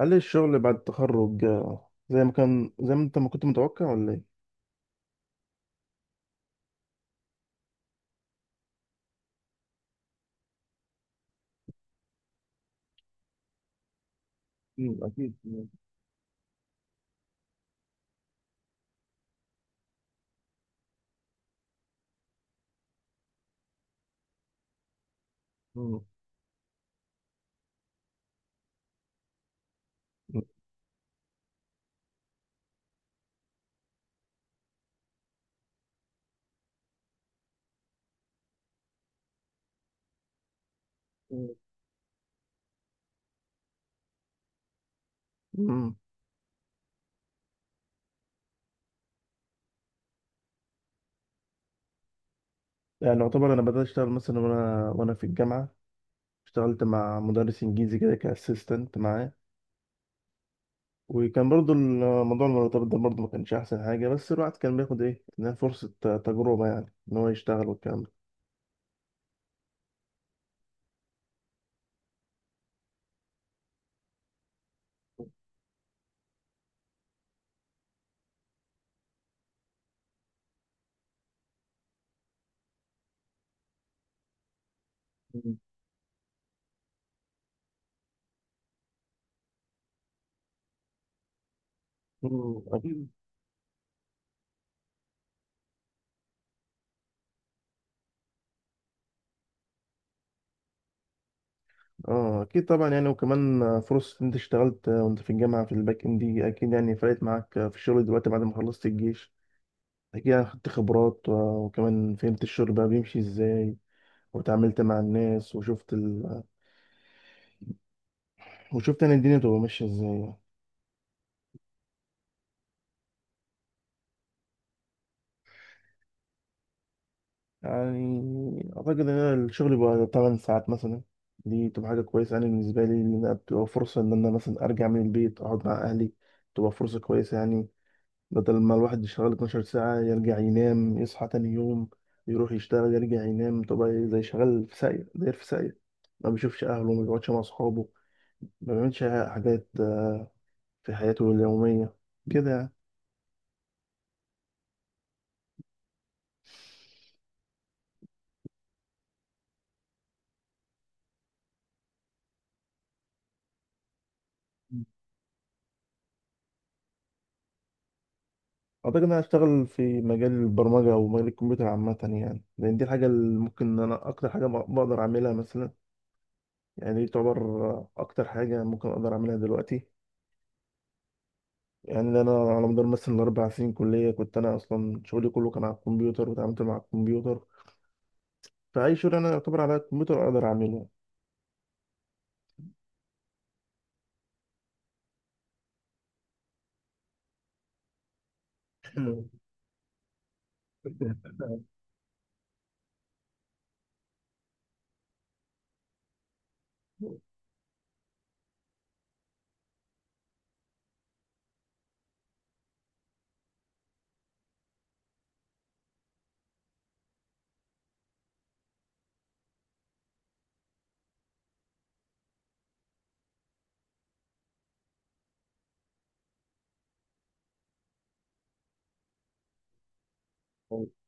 هل الشغل بعد التخرج، زي ما انت ما كنت متوقع ولا ايه؟ مم، أكيد، مم. مم. مم. مم. يعني يعتبر انا بدأت اشتغل مثلا وانا في الجامعة. اشتغلت مع مدرس انجليزي كده كاسيستنت معاه، وكان برضو الموضوع المرتبط ده برضو ما كانش احسن حاجة، بس الواحد كان بياخد ايه، إنها فرصة تجربة، يعني ان هو يشتغل والكلام ده. مم، مم، أكيد. اه اكيد طبعا، يعني وكمان فرصة ان انت اشتغلت وانت في الجامعة في الباك اند دي اكيد يعني فرقت معاك في الشغل دلوقتي بعد ما خلصت الجيش كده، خدت خبرات. وكمان فهمت الشغل بقى بيمشي ازاي، وتعاملت مع الناس، وشفت انا الدنيا بتبقى ماشيه ازاي يعني. يعني اعتقد ان أنا الشغل بقى 8 ساعات مثلا، دي تبقى حاجه كويسه، انا بالنسبه لي ان انا بتبقى فرصه ان انا مثلا ارجع من البيت اقعد مع اهلي، تبقى فرصه كويسه يعني. بدل ما الواحد يشتغل 12 ساعه، يرجع ينام، يصحى تاني يوم، يروح يشتغل، يرجع ينام، تبقى زي شغال في ساقية داير في ساقية، ما بيشوفش اهله، ما بيقعدش مع اصحابه، ما بيعملش حاجات في حياته اليومية كده يعني. أعتقد إن أنا هشتغل في مجال البرمجة أو مجال الكمبيوتر عامة يعني، لأن دي الحاجة اللي ممكن إن أنا أكتر حاجة بقدر أعملها مثلا. يعني دي تعتبر أكتر حاجة ممكن أقدر أعملها دلوقتي، يعني لأن أنا على مدار مثلا ال4 سنين كلية كنت أنا أصلا شغلي كله كان على الكمبيوتر وتعاملت مع الكمبيوتر، فأي شغل أنا يعتبر على الكمبيوتر أقدر أعمله.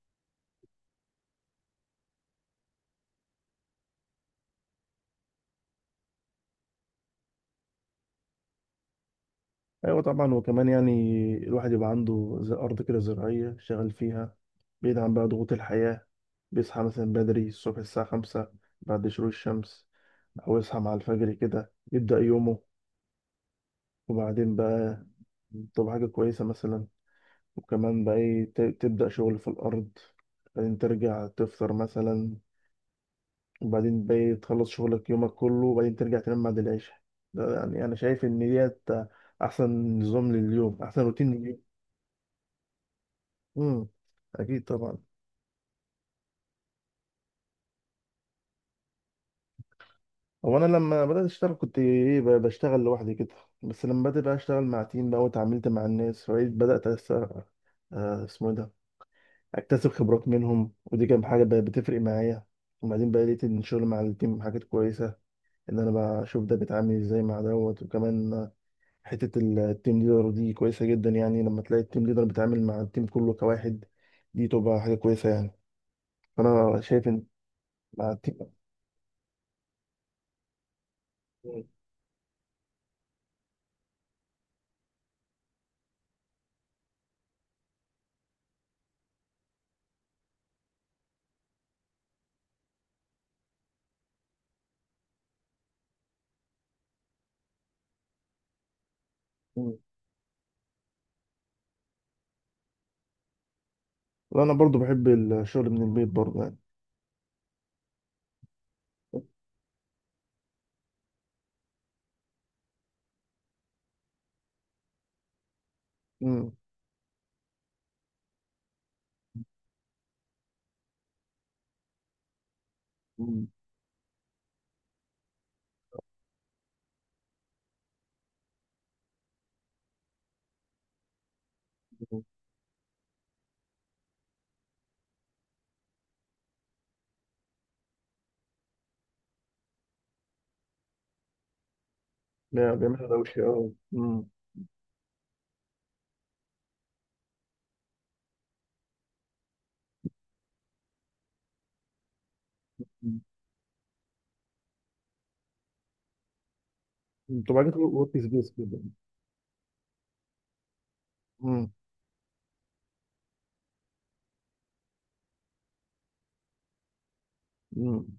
ايوه طبعا، وكمان يعني الواحد يبقى عنده زي ارض كده زراعيه شغال فيها، بعيد عن بقى ضغوط الحياه، بيصحى مثلا بدري الصبح الساعه 5 بعد شروق الشمس، او يصحى مع الفجر كده يبدا يومه، وبعدين بقى طب حاجه كويسه مثلا، وكمان بقى ايه تبدا شغل في الارض، بعدين ترجع تفطر مثلا، وبعدين بقى إيه تخلص شغلك يومك كله، وبعدين ترجع تنام بعد العشاء. ده يعني انا شايف ان ديت احسن نظام لليوم، احسن روتين. امم. اكيد طبعا. هو انا لما بدات اشتغل كنت ايه بشتغل لوحدي كده، بس لما بدات بقى اشتغل مع تيم بقى واتعاملت مع الناس وبقيت بدات أس... آه اسمه إيه ده، اكتسب خبرات منهم ودي كانت حاجه بقت بتفرق معايا. وبعدين بقى لقيت ان الشغل مع التيم حاجات كويسه، ان انا بقى اشوف ده بيتعامل ازاي مع دوت، وكمان حته التيم ليدر دي كويسه جدا، يعني لما تلاقي التيم ليدر بيتعامل مع التيم كله كواحد دي تبقى حاجه كويسه يعني، فانا شايف ان مع التيم. لا انا برضو بحب الشغل من البيت برضو يعني. امم. مم. لا جميل ده وش اه امم. أمم. طبعا انت ورك سبيس كده. امم. امم.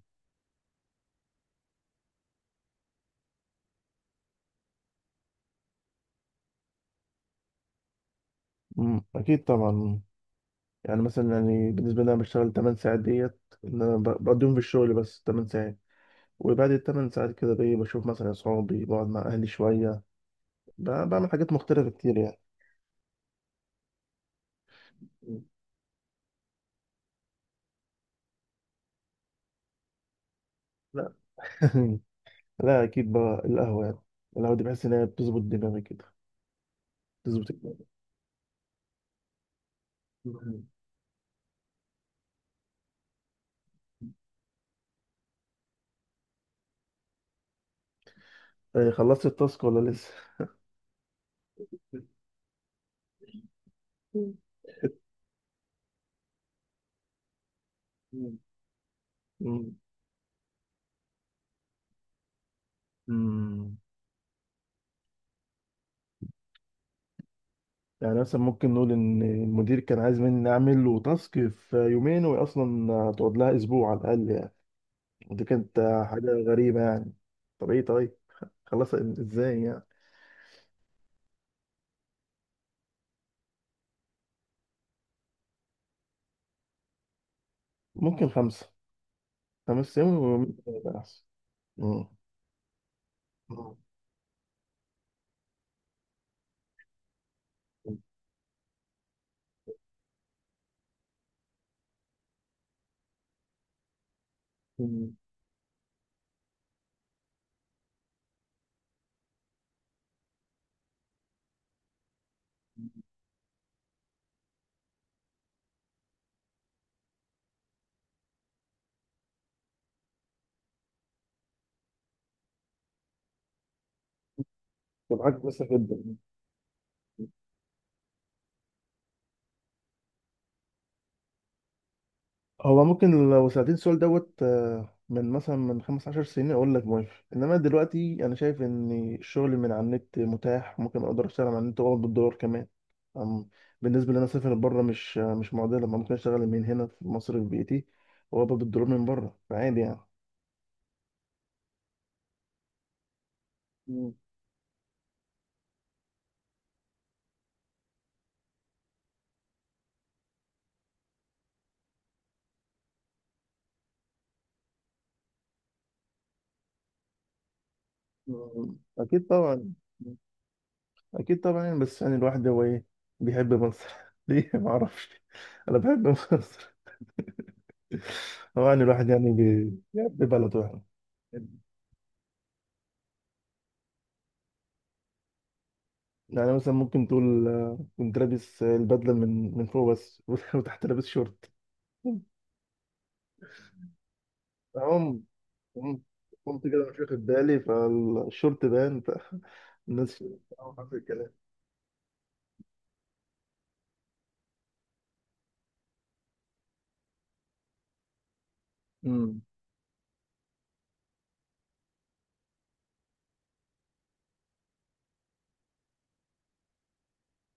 أمم. اكيد طبعا. يعني مثلا يعني بالنسبه لي انا بشتغل 8 ساعات ديت ان انا بقضيهم في الشغل بس 8 ساعات، وبعد ال 8 ساعات كده بشوف مثلا اصحابي، بقعد مع اهلي شويه، بعمل حاجات مختلفه كتير يعني. أمم. لا. لا اكيد بقى القهوه يعني، القهوه دي بحس ان هي بتظبط دماغي كده، بتظبط الدماغ. إيه، خلصت التاسك ولا لسه؟ مم. مم. مم. يعني مثلا ممكن نقول ان المدير كان عايز مني اعمل له تاسك في يومين وهي اصلا هتقعد لها اسبوع على الاقل يعني، ودي كانت حاجه غريبه يعني. طب ايه طيب خلصت ازاي يعني. ممكن خمسه، 5 ايام ويومين يبقى احسن. مم. مم. مم. كنت عاجبك مثلا جدا. هو ممكن لو سألتني السؤال دوت، من مثلا من 15 سنين أقول لك موافق، إنما دلوقتي أنا شايف إن الشغل من على النت متاح، ممكن أقدر أشتغل على النت وأقبض بالدولار كمان. أم- بالنسبة لي أنا أسافر بره مش مش معضلة، ما ممكن أشتغل من هنا في مصر في بيتي، وأقبض بالدولار من بره، فعادي يعني. مم. أم، أكيد طبعا. أكيد طبعا يعني، بس يعني الواحد هو إيه بيحب مصر، ليه معرفش. أنا بحب مصر. طبعا الواحد يعني بيحب بلده يعني. يعني مثلا ممكن تقول، كنت لابس البدله من فوق بس وتحت لابس شورت. أقوم، قمت، قمت كده مش واخد بالي فالشورت بان فالناس، حصل الكلام.